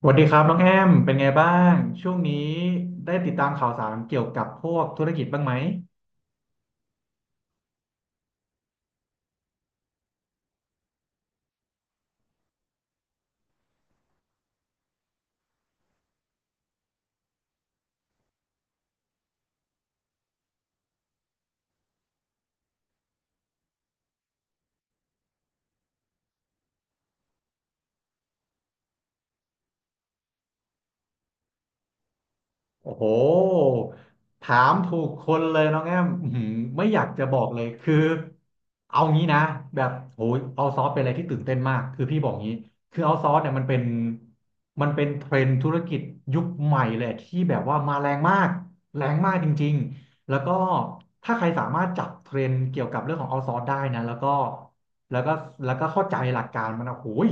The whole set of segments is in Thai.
สวัสดีครับน้องแอมเป็นไงบ้างช่วงนี้ได้ติดตามข่าวสารเกี่ยวกับพวกธุรกิจบ้างไหม โอ้โหถามถูกคนเลยน้องแอมอื้อหือไม่อยากจะบอกเลยคือเอางี้นะแบบโหยเอาซอสเป็นอะไรที่ตื่นเต้นมากคือพี่บอกงี้คือเอาซอสเนี่ยมันเป็นเทรนด์ธุรกิจยุคใหม่เลยที่แบบว่ามาแรงมากแรงมากจริงๆแล้วก็ถ้าใครสามารถจับเทรนด์เกี่ยวกับเรื่องของเอาซอสได้นะแล้วก็แล้วก็เข้าใจหลักการมันนะโอ้ย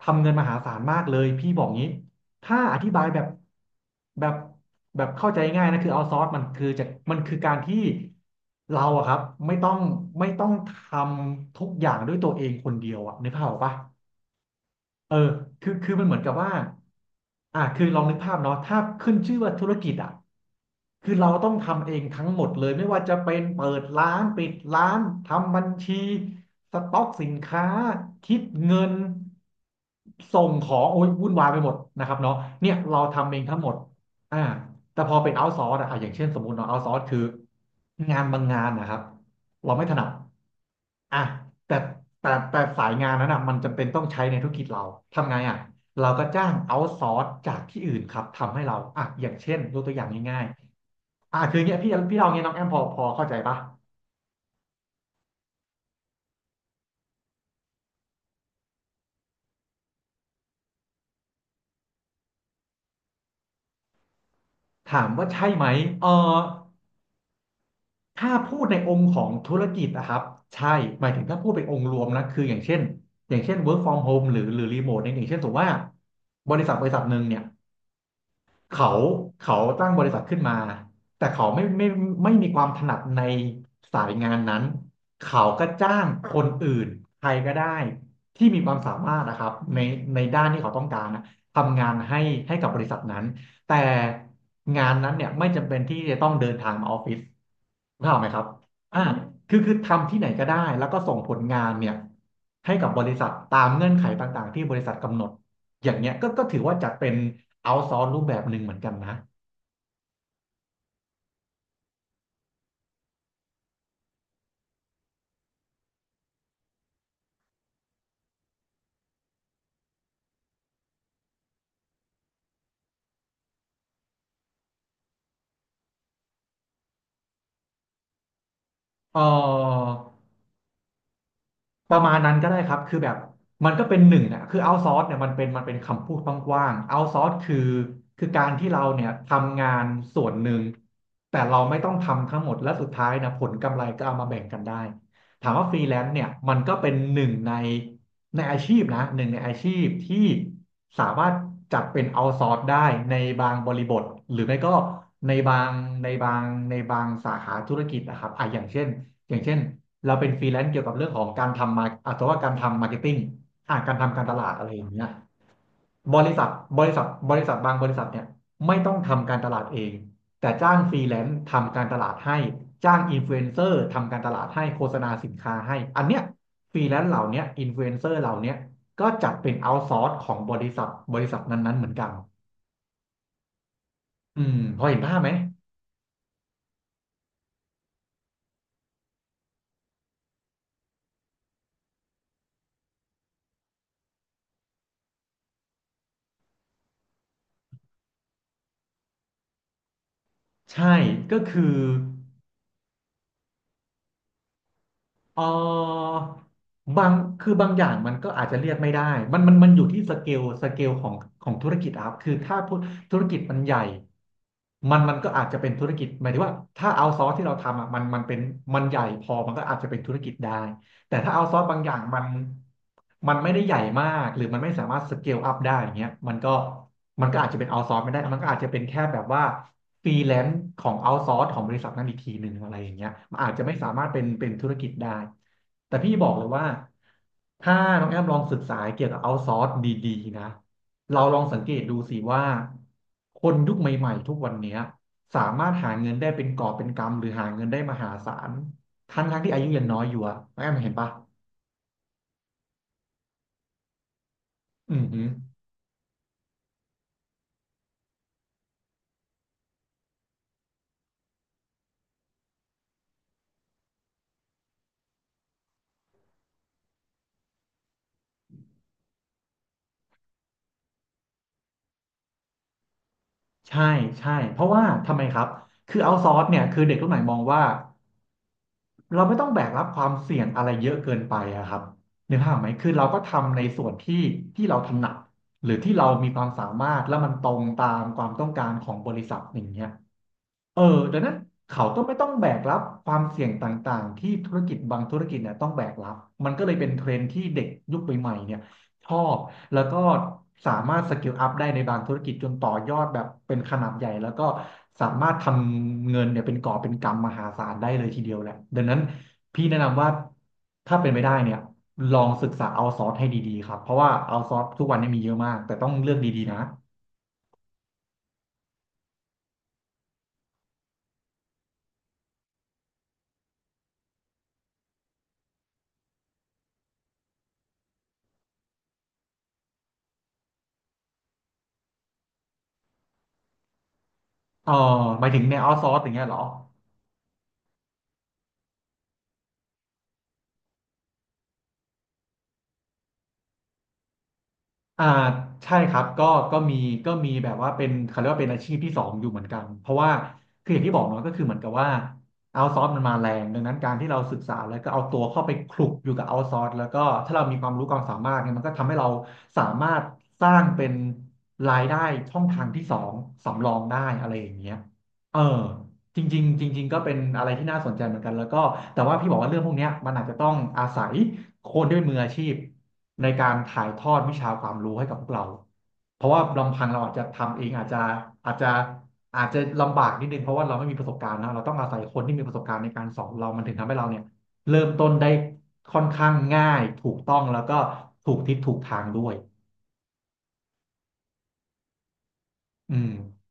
ทำเงินมหาศาลมากเลยพี่บอกงี้ ถ้าอธิบายแบบแบบเข้าใจง่ายนะคือเอาซอสมันคือจะมันคือการที่เราอะครับไม่ต้องไม่ต้องทำทุกอย่างด้วยตัวเองคนเดียวอะนึกภาพออกปะ เออคือมันเหมือนกับว่าอ่ะคือลองนึกภาพเนาะถ้าขึ้นชื่อว่าธุรกิจอ่ะคือเราต้องทำเองทั้งหมดเลย ไม่ว่าจะเป็นเปิดร้าน ปิดร้าน ทำบัญชี สต็อกสินค้า คิดเงิน ส่งของโอ้ยวุ่นวายไปหมดนะครับเนาะเนี่ยเราทำเองทั้งหมดอ่าแต่พอเป็นเอา s ซอร์สอะอ่ะอย่างเช่นสมมุติเนาะเอา s ซอร์สคือ งานบางงานนะครับ เราไม่ถนัดอ่ะแต่แต่สายงานนั้นอ่ะมันจำเป็นต้องใช้ในธุรกิจเรา ทำไงอ่ะเราก็จ้างเอาซอร์สจากที่อื่นครับทำให้เราอ่ะอย่างเช่นยกตัวอย่างง่ายๆอ่ะคืออย่างเงี้ยพี่เราเงี้ยน้องแอมพอเข้าใจปะถามว่าใช่ไหมเออถ้าพูดในองค์ของธุรกิจนะครับ ใช่หมายถึงถ้าพูดเป็นองค์รวมนะ คืออย่างเช่น work from home หรือ remote เนี่ยอย่างเช่นสมมติว่าบริษัทหนึ่งเนี่ย เขาเขาตั้งบริษัทขึ้นมาแต่เขาไม่ไม่มีความถนัดในสายงานนั้นเขาก็จ้างคนอื่นใครก็ได้ที่มีความสามารถนะครับในด้านที่เขาต้องการนะทำงานให้ให้กับบริษัทนั้นแต่งานนั้นเนี่ยไม่จำเป็นที่จะต้องเดินทางมาออฟฟิศเข้าใจไหมครับอ่าคือทำที่ไหนก็ได้แล้วก็ส่งผลงานเนี่ยให้กับบริษัทตามเงื่อนไขต่างๆที่บริษัทกำหนด อย่างเงี้ยก็ถือว่าจัดเป็นเอาซอ c e รูปแบบหนึ่งเหมือนกันนะเออ ประมาณนั้นก็ได้ครับคือแบบมันก็เป็นหนึ่งนะคือ outsource เนี่ยมันเป็นคำพูดกว้างๆ outsource คือคือการที่เราเนี่ยทำงานส่วนหนึ่งแต่เราไม่ต้องทำทั้งหมดและสุดท้ายนะผลกำไรก็เอามาแบ่งกันได้ถามว่าฟรีแลนซ์เนี่ยมันก็เป็นหนึ่งในในอาชีพนะหนึ่งในอาชีพที่สามารถจัดเป็น outsource ได้ในบางบริบทหรือไม่ก็ในบางในบางในบางสาขาธุรกิจนะครับอ่ะอย่างเช่นเราเป็นฟรีแลนซ์เกี่ยวกับเรื่องของการทำมาอาจจะว่าการทำมาร์เก็ตติ้งอ่าการทำการตลาดอะไรอย่างเงี้ยบริษัทบริษัทบางบริษัทเนี่ยไม่ต้องทำการตลาดเองแต่จ้างฟรีแลนซ์ทำการตลาดให้จ้างอินฟลูเอนเซอร์ทำการตลาดให้โฆษณาสินค้าให้อันเนี้ยฟรีแลนซ์เหล่าเนี้ยอินฟลูเอนเซอร์เหล่าเนี้ยก็จัดเป็นเอาท์ซอร์สของบริษัทบริษัทนั้นๆเหมือนกันอืมพอเห็นภาพไหมใช่ก็คือ เออบางคือบางอย่างมันก็อาจจะเรียกไม่ได้มันอยู่ที่สเกลของของธุรกิจอะครับคือถ้าพูดธุรกิจมันใหญ่มันก็อาจจะเป็นธุรกิจหมายถึงว่าถ้าเอาซอสที่เราทำอ่ะมันมันเป็นมันใหญ่พอมันก็อาจจะเป็นธุรกิจได้ แต่ถ้าเอาซอสบางอย่างมันมันไม่ได้ใหญ่มากหรือมันไม่สามารถสเกลอัพได้อย่างเงี้ยมันก็อาจจะเป็นเอาซอสไม่ได้ มันก็อาจจะเป็นแค่แบบว่าฟรีแลนซ์ของเอาซอสของบริษัทนั้นอีกทีหนึ่งอะไรอย่างเงี้ยมันอาจจะไม่สามารถเป็นธุรกิจได้แต่พี่บอกเลยว่าถ้าน้องแอมลองศึกษาเกี่ยวกับเอาซอสดีๆนะเราลองสังเกตดูสิว่าคนยุคใหม่ๆทุกวันเนี้ยสามารถหาเงินได้เป็นกอบเป็นกำหรือหาเงินได้มหาศาล ทั้งที่อายุยังน้อยอยู่อะน้องแอม่เห็นปะอือหือใช่ใช่ เพราะว่าทำไมครับคือเอาซอร์สเนี่ยคือเด็กรุ่นใหม่มองว่าเราไม่ต้องแบกรับความเสี่ยงอะไรเยอะเกินไปอะครับนึกภาพไหมคือเราก็ทำในส่วนที่ที่เราถนัดหรือที่เรามีความสามารถแล้วมันตรงตามความต้องการของบริษัทอย่างเงี้ย เออดังนั้นเขาก็ไม่ต้องแบกรับความเสี่ยงต่างๆที่ธุรกิจบางธุรกิจเนี่ยต้องแบกรับมันก็เลยเป็นเทรนด์ที่เด็กยุคใหม่ๆเนี่ยชอบแล้วก็สามารถสกิลอัพได้ในบางธุรกิจจนต่อยอดแบบเป็นขนาดใหญ่แล้วก็สามารถทำเงินเนี่ยเป็นก่อบเป็นกำมหาศาลได้เลยทีเดียวแหละดังนั้นพี่แนะนำว่าถ้าเป็นไปได้เนี่ยลองศึกษาเอาซอร์สให้ดีๆครับเพราะว่าเอาซอร์สทุกวันนี้มีเยอะมากแต่ต้องเลือกดีๆนะเออหมายถึงในเอาซอร์สอย่างเงี้ยเหรอ อ่าใช่ครับก็ก็มีก็มีแบบว่าเป็นเขาเรียกว่าเป็นอาชีพที่สองอยู่เหมือนกันเพราะว่าคืออย่างที่บอกเนาะก็คือเหมือนกับว่าเอาซอสมันมาแรงดังนั้นการที่เราศึกษาแล้วก็เอาตัวเข้าไปคลุกอยู่กับเอาซอสแล้วก็ถ้าเรามีความรู้ความสามารถเนี่ยมันก็ทำให้เราสามารถสร้างเป็นรายได้ช่องทางที่สองสำรองได้อะไรอย่างเงี้ยเออ จริงๆจริงๆก็เป็นอะไรที่น่าสนใจเหมือนกันแล้วก็แต่ว่าพี่บอกว่าเรื่องพวกเนี้ยมันอาจจะต้องอาศัยคนที่เป็นมืออาชีพในการถ่ายทอดวิชาความรู้ให้กับพวกเราเพราะว่าลำพังเราอาจจะทำเองอาจจะอาจจะอาจจะลำบากนิดนึงเพราะว่าเราไม่มีประสบการณ์นะเราต้องอาศัยคนที่มีประสบการณ์ในการสอนเรามันถึงทำให้เราเนี่ยเริ่มต้นได้ค่อนข้างง่ายถูกต้องแล้วก็ถูกทิศถูกทางด้วยอืม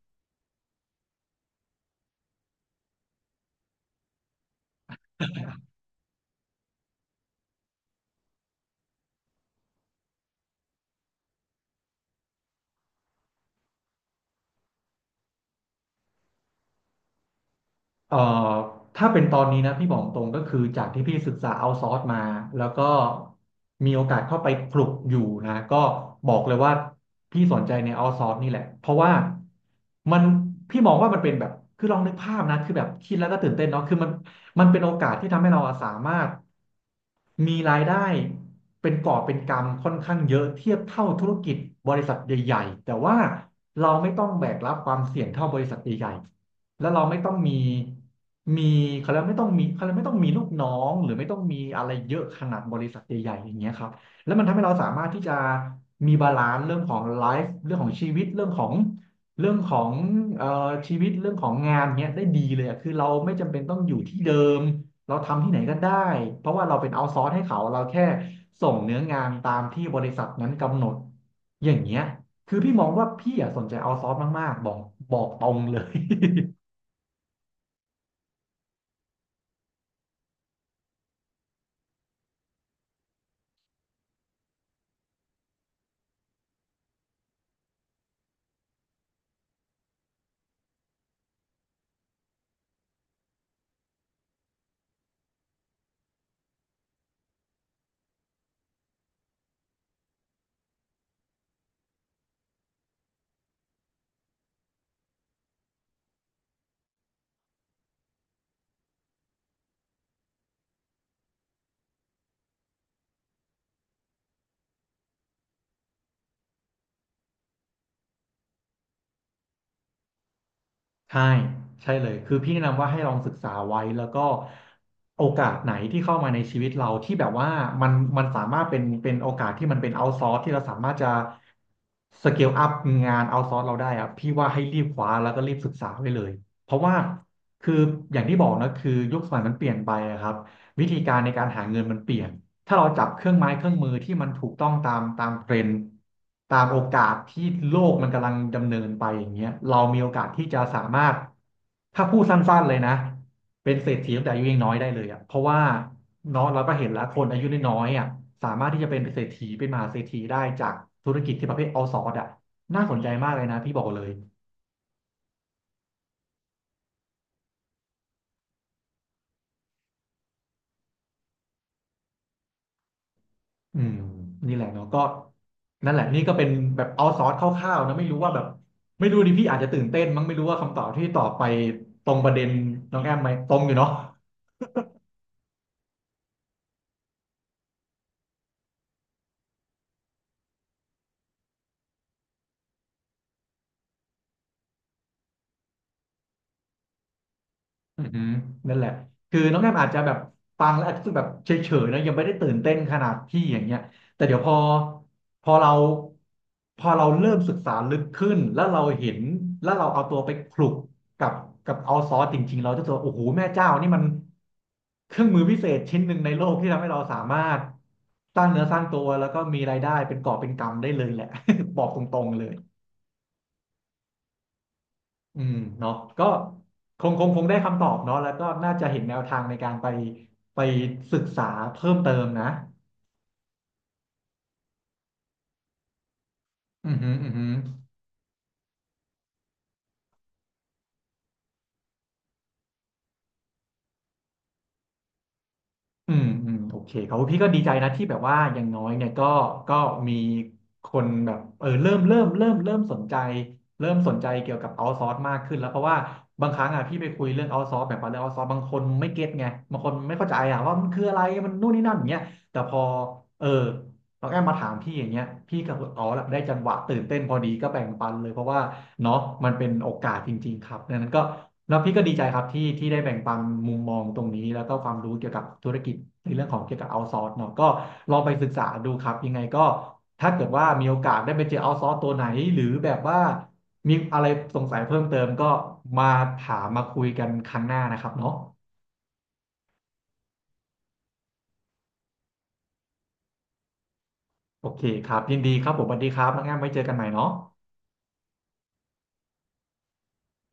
เอ่อถ้าเป็นตอนนี้นะพี่บอกตรงก็คือจากที่พี่ศึกษาเอาซอร์สมาแล้วก็มีโอกาสเข้าไปคลุกอยู่นะก็บอกเลยว่าพี่สนใจในเอาซอร์สนี่แหละเพราะว่ามันพี่มองว่ามันเป็นแบบคือลองนึกภาพนะคือแบบคิดแล้วก็ตื่นเต้นเนาะคือมันมันเป็นโอกาสที่ทำให้เราอะสามารถมีรายได้เป็นก่อบเป็นกำค่อนข้างเยอะเทียบเท่าธุรกิจบริษัทใหญ่ๆแต่ว่าเราไม่ต้องแบกรับความเสี่ยงเท่าบริษัทใหญ่ แล้วเราไม่ต้องมีเขาเรียกไม่ต้องมีเขาเรียกไม่ต้องมีลูกน้องหรือไม่ต้องมีอะไรเยอะขนาดบริษัทใหญ่ๆอย่างเงี้ยครับแล้วมันทำให้เราสามารถที่จะมีบาลานซ์เรื่องของไลฟ์เรื่องของชีวิตเรื่องของเอ่อชีวิตเรื่องของงานเนี้ยได้ดีเลยอะคือเราไม่จำเป็นต้องอยู่ที่เดิมเราทำที่ไหนก็ได้เพราะว่าเราเป็นเอาท์ซอร์สให้เขาเราแค่ส่งเนื้องานตามที่บริษัทนั้นกำหนดอย่างเงี้ยคือพี่มองว่าพี่อะสนใจเอาท์ซอร์สมากๆบอกตรงเลย ใช่ใช่เลยคือพี่แนะนำว่าให้ลองศึกษาไว้แล้วก็โอกาสไหนที่เข้ามาในชีวิตเราที่แบบว่ามันมันสามารถเป็นเป็นโอกาสที่มันเป็นเอาท์ซอร์สที่เราสามารถจะสเกลอัพงานเอาท์ซอร์สเราได้อะพี่ว่าให้รีบคว้าแล้วก็รีบศึกษาไว้เลยเพราะว่าคืออย่างที่บอกนะคือยุคสมัยมันเปลี่ยนไปอะครับวิธีการในการหาเงินมันเปลี่ยน ถ้าเราจับเครื่องไม้เครื่องมือที่มันถูกต้องตามเทรนด์ตามโอกาสที่โลกมันกำลังดำเนินไปอย่างเงี้ยเรามีโอกาสที่จะสามารถถ้าพูดสั้นๆเลยนะเป็นเศรษฐีตั้งแต่อายุยังน้อยได้เลยอ่ะเพราะว่าเนาะเราก็เห็นแล้วคนอายุน้อยๆอ่ะสามารถที่จะเป็นเศรษฐีเป็นมหาเศรษฐีได้จากธุรกิจที่ประเภทเอาซอร์สอ่ะน่าสนใจมากเลยนะพี่บอกเลย อืมนี่แหละเนาะก็นั่นแหละนี่ก็เป็นแบบเอาซอสคร่าวๆนะไม่รู้ว่าแบบไม่รู้ดิพี่อาจจะตื่นเต้นมั้งไม่รู้ว่าคำตอบที่ตอบไปตรงประเด็นน้องแอมไหมตรงอยู่เนาะ อือหือนั่นแหละ คือน้องแอมอาจจะแบบฟังแล้วอาจจะรู้สึกแบบเฉยๆนะยังไม่ได้ตื่นเต้นขนาดพี่อย่างเงี้ยแต่เดี๋ยวพอเราพอเราเริ่มศึกษาลึกขึ้นแล้วเราเห็นแล้วเราเอาตัวไปคลุกกับกับเอาซอสจริงๆเราจะรู้สึกว่าโอ้โหแม่เจ้านี่มันเครื่องมือพิเศษชิ้นหนึ่งในโลกที่ทำให้เราสามารถสร้างเนื้อสร้างตัวแล้วก็มีรายได้เป็นกอบเป็นกำได้เลยแหละ บอกตรงๆเลย อืมเนาะก็คงได้คำตอบเนาะแล้วก็น่าจะเห็นแนวทางในการไปศึกษาเพิ่มเติมนะอืมอหืมออือหืออืมโอเคครับพี่ก็ดีใจนะที่แบบว่าอย่างน้อยเนี่ยก็มีคนแบบเออเริ่มสนใจเริ่มสนใจเกี่ยวกับเอาซอร์สมากขึ้นแล้วเพราะว่าบางครั้งอ่ะพี่ไปคุยเรื่องเอาซอร์สแบบว่าเรื่องเอาซอร์สบางคนไม่เก็ตไงบางคนไม่เข้าใจอ่ะว่ามันคืออะไรมันนู่นนี่นั่นอย่างเงี้ยแต่พอเออ น้องแอมมาถามพี่อย่างเงี้ยพี่กับอ๋อละได้จังหวะตื่นเต้นพอดีก็แบ่งปันเลยเพราะว่าเนาะมันเป็นโอกาสจริงๆครับดังนั้นก็แล้วพี่ก็ดีใจครับที่ได้แบ่งปันมุมมองตรงนี้แล้วก็ความรู้เกี่ยวกับธุรกิจในเรื่องของเกี่ยวกับเอาซอร์สเนาะก็ลองไปศึกษาดูครับยังไงก็ถ้าเกิดว่ามีโอกาสได้ไปเจอเอาซอร์สตัวไหนหรือแบบว่ามีอะไรสงสัยเพิ่มเติมก็มาถามมาคุยกันครั้งหน้านะครับเนาะโอเคครับยินดีครับผมสวัสดีครับน้องแอมไว้เจอกันใหม่เนาะ